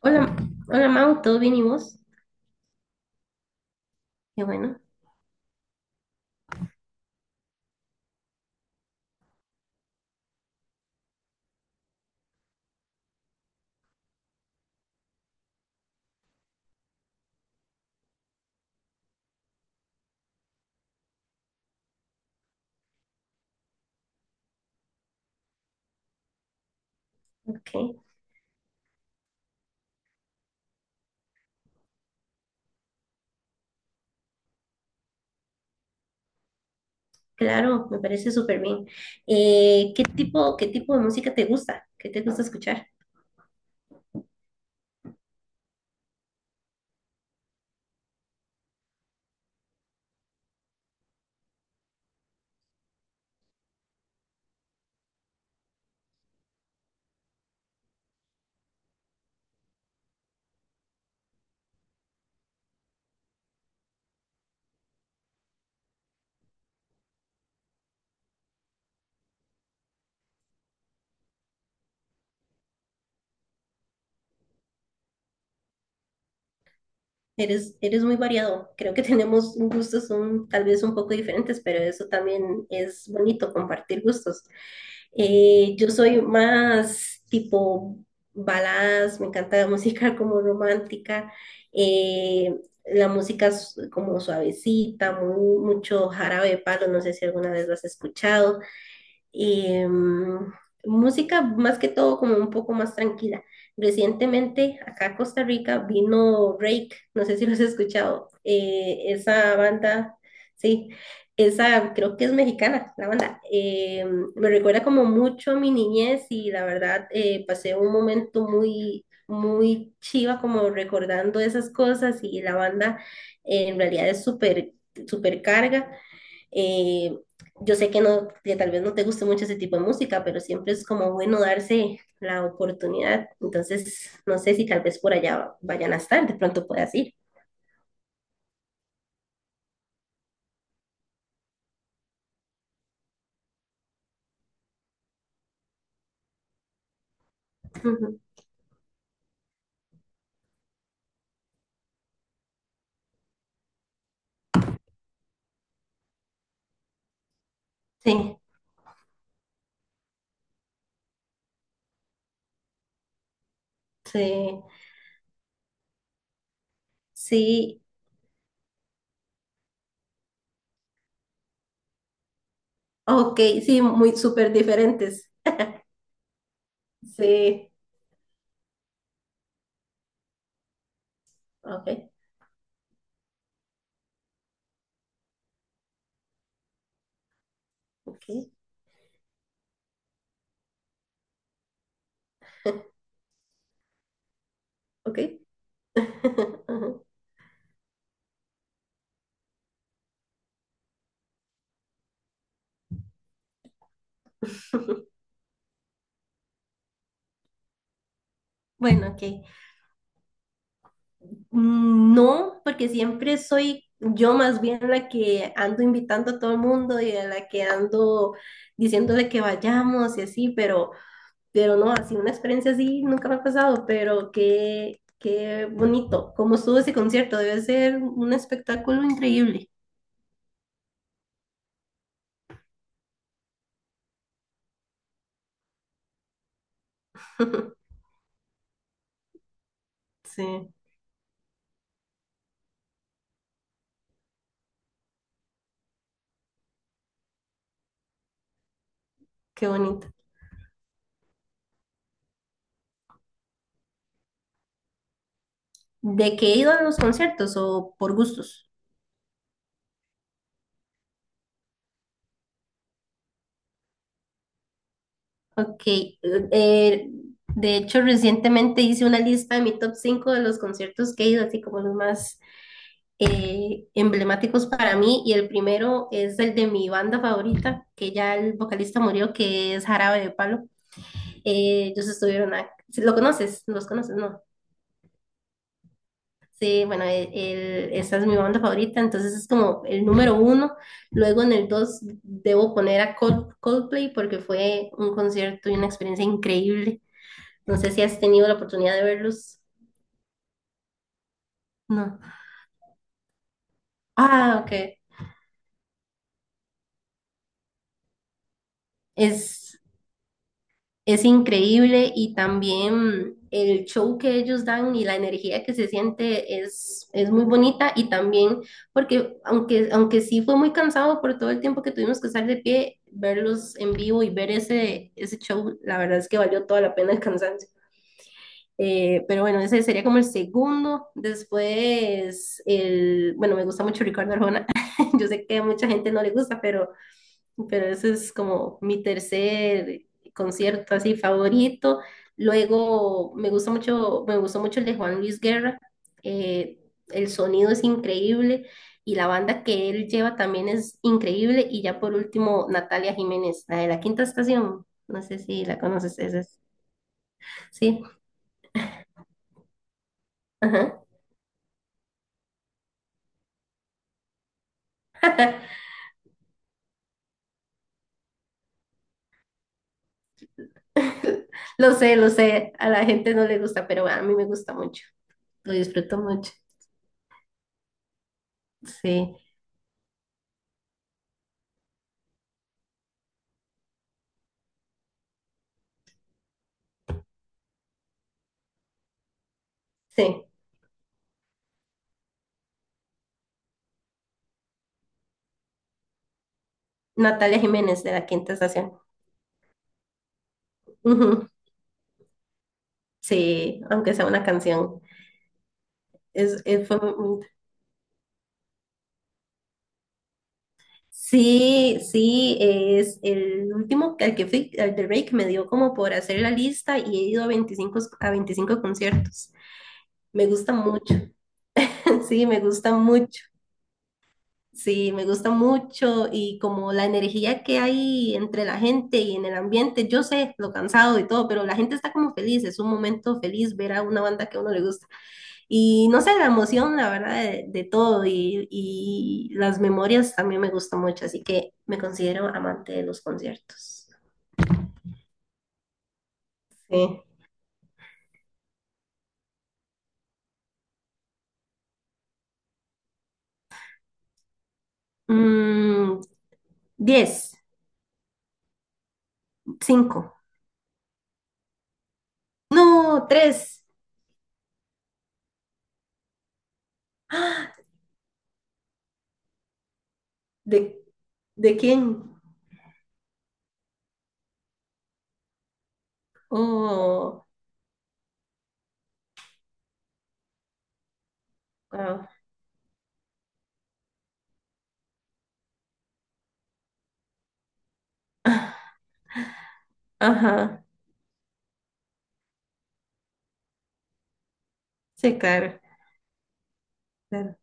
Hola, hola Mau, ¿todo bien y vos? Qué bueno. Ok, claro, me parece súper bien. Qué tipo de música te gusta? ¿Qué te gusta escuchar? Eres muy variado, creo que tenemos gustos tal vez un poco diferentes, pero eso también es bonito, compartir gustos. Yo soy más tipo baladas, me encanta la música como romántica, eh, la como suavecita, mucho jarabe de palo, no sé si alguna vez lo has escuchado, eh, música más que todo como un poco más tranquila. Recientemente acá a Costa Rica vino Rake, no sé si lo has escuchado, esa banda. Sí, esa creo que es mexicana, la banda. Me recuerda como mucho a mi niñez y la verdad, pasé un momento muy, muy chiva como recordando esas cosas, y la banda, en realidad es súper carga. eh, yo sé que que tal vez no te guste mucho ese tipo de música, pero siempre es como bueno darse la oportunidad. Entonces, no sé si tal vez por allá vayan a estar, de pronto puedas ir. Ujú. Sí, sí, sí. Ok, sí, muy súper diferentes. Sí, ok, ok, ok. Ujú. Bueno, ok. Mm, no, porque siempre soy yo más bien la que ando invitando a todo el mundo y a la que ando diciéndole que vayamos y así, pero no, así una experiencia así nunca me ha pasado, pero qué, qué bonito, cómo estuvo ese concierto, debe ser un espectáculo increíble. Sí, qué bonito. ¿De qué he ido a los conciertos o por gustos? Ok, eh, de hecho recientemente hice una lista de mi top 5 de los conciertos que he ido, así como los más emblemáticos para mí, y el primero es el de mi banda favorita, que ya el vocalista murió, que es Jarabe de Palo. Ellos estuvieron, ¿lo conoces? ¿Los conoces? No. Sí, bueno, esa es mi banda favorita, entonces es como el número uno. Luego en el dos debo poner a Coldplay, porque fue un concierto y una experiencia increíble. No sé si has tenido la oportunidad de verlos. No. Ah, ok. Es Es increíble, y también el show que ellos dan y la energía que se siente es muy bonita, y también porque aunque, aunque sí fue muy cansado por todo el tiempo que tuvimos que estar de pie, verlos en vivo y ver ese, ese show, la verdad es que valió toda la pena el cansancio. Pero bueno, ese sería como el segundo. Después, el, bueno, me gusta mucho Ricardo Arjona. Yo sé que a mucha gente no le gusta, pero ese es como mi tercer concierto así favorito. Luego me gusta mucho, me gustó mucho el de Juan Luis Guerra. eh, el sonido es increíble y la banda que él lleva también es increíble. Y ya por último, Natalia Jiménez, la de la Quinta Estación. No sé si la conoces, esa es. Sí. Ajá. Lo sé, lo sé. A la gente no le gusta, pero a mí me gusta mucho. Lo disfruto mucho. Sí, sí. Natalia Jiménez de la Quinta Estación. Ujú. Sí, aunque sea una canción. Es, es- fue muy- sí, sí, es el último al que fui, al de Drake, me dio como por hacer la lista y he ido a 25 conciertos. Me gusta mucho. Sí, me gusta mucho, sí, me gusta mucho. Y como la energía que hay entre la gente y en el ambiente, yo sé lo cansado y todo, pero la gente está como feliz, es un momento feliz ver a una banda que a uno le gusta. Y no sé, la emoción, la verdad, de todo, y las memorias también me gustan mucho, así que me considero amante de los conciertos. Sí. Mm, 10, cinco, no, tres. ¡Ah! ¿De, de quién? Oh, wow. Ajá, sí, claro, claro.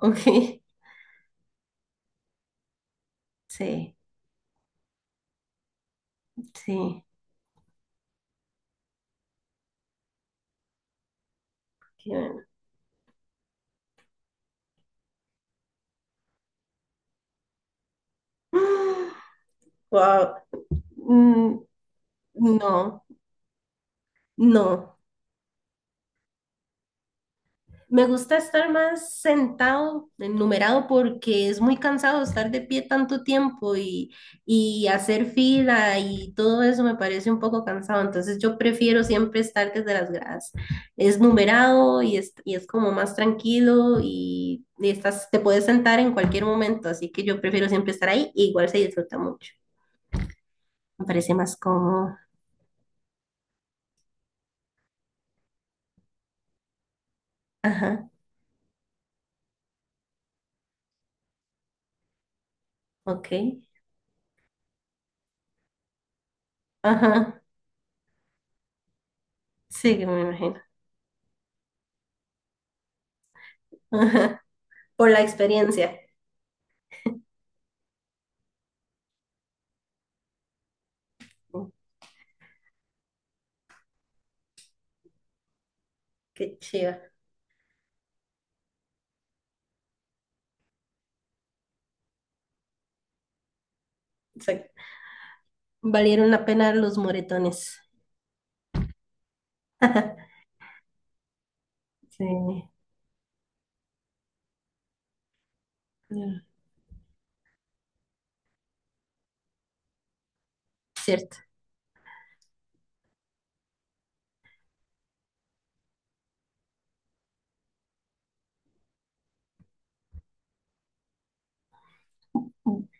Ok, sí, sí. Qué bueno. Wow. Mm, no, no. Me gusta estar más sentado, enumerado, porque es muy cansado estar de pie tanto tiempo, y hacer fila y todo eso me parece un poco cansado. Entonces yo prefiero siempre estar desde las gradas. Es numerado y es como más tranquilo, y estás, te puedes sentar en cualquier momento. Así que yo prefiero siempre estar ahí, y igual se disfruta mucho. Me parece más cómodo. Ajá, ok. Ajá, sí, que me imagino. Ajá, por la experiencia. Qué chido. Sí. Valieron la pena los moretones. Sí, cierto.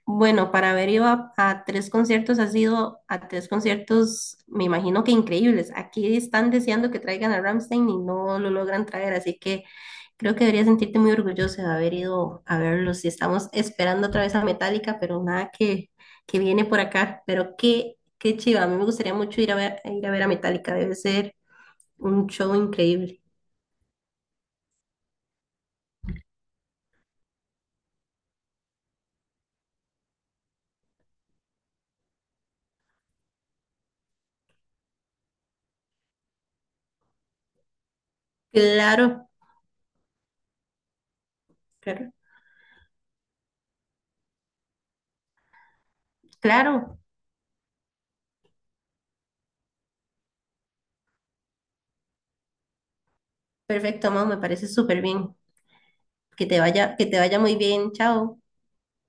Bueno, para haber ido a tres conciertos, ha sido a tres conciertos, me imagino que increíbles. Aquí están deseando que traigan a Ramstein y no lo logran traer, así que creo que debería sentirte muy orgulloso de haber ido a verlos. Y estamos esperando otra vez a Metallica, pero nada que, que viene por acá. Pero qué, qué chiva, a mí me gustaría mucho ir a ver a Metallica, debe ser un show increíble. Claro. Claro, claro. Perfecto, Mau, me parece súper bien. Que te vaya muy bien. Chao.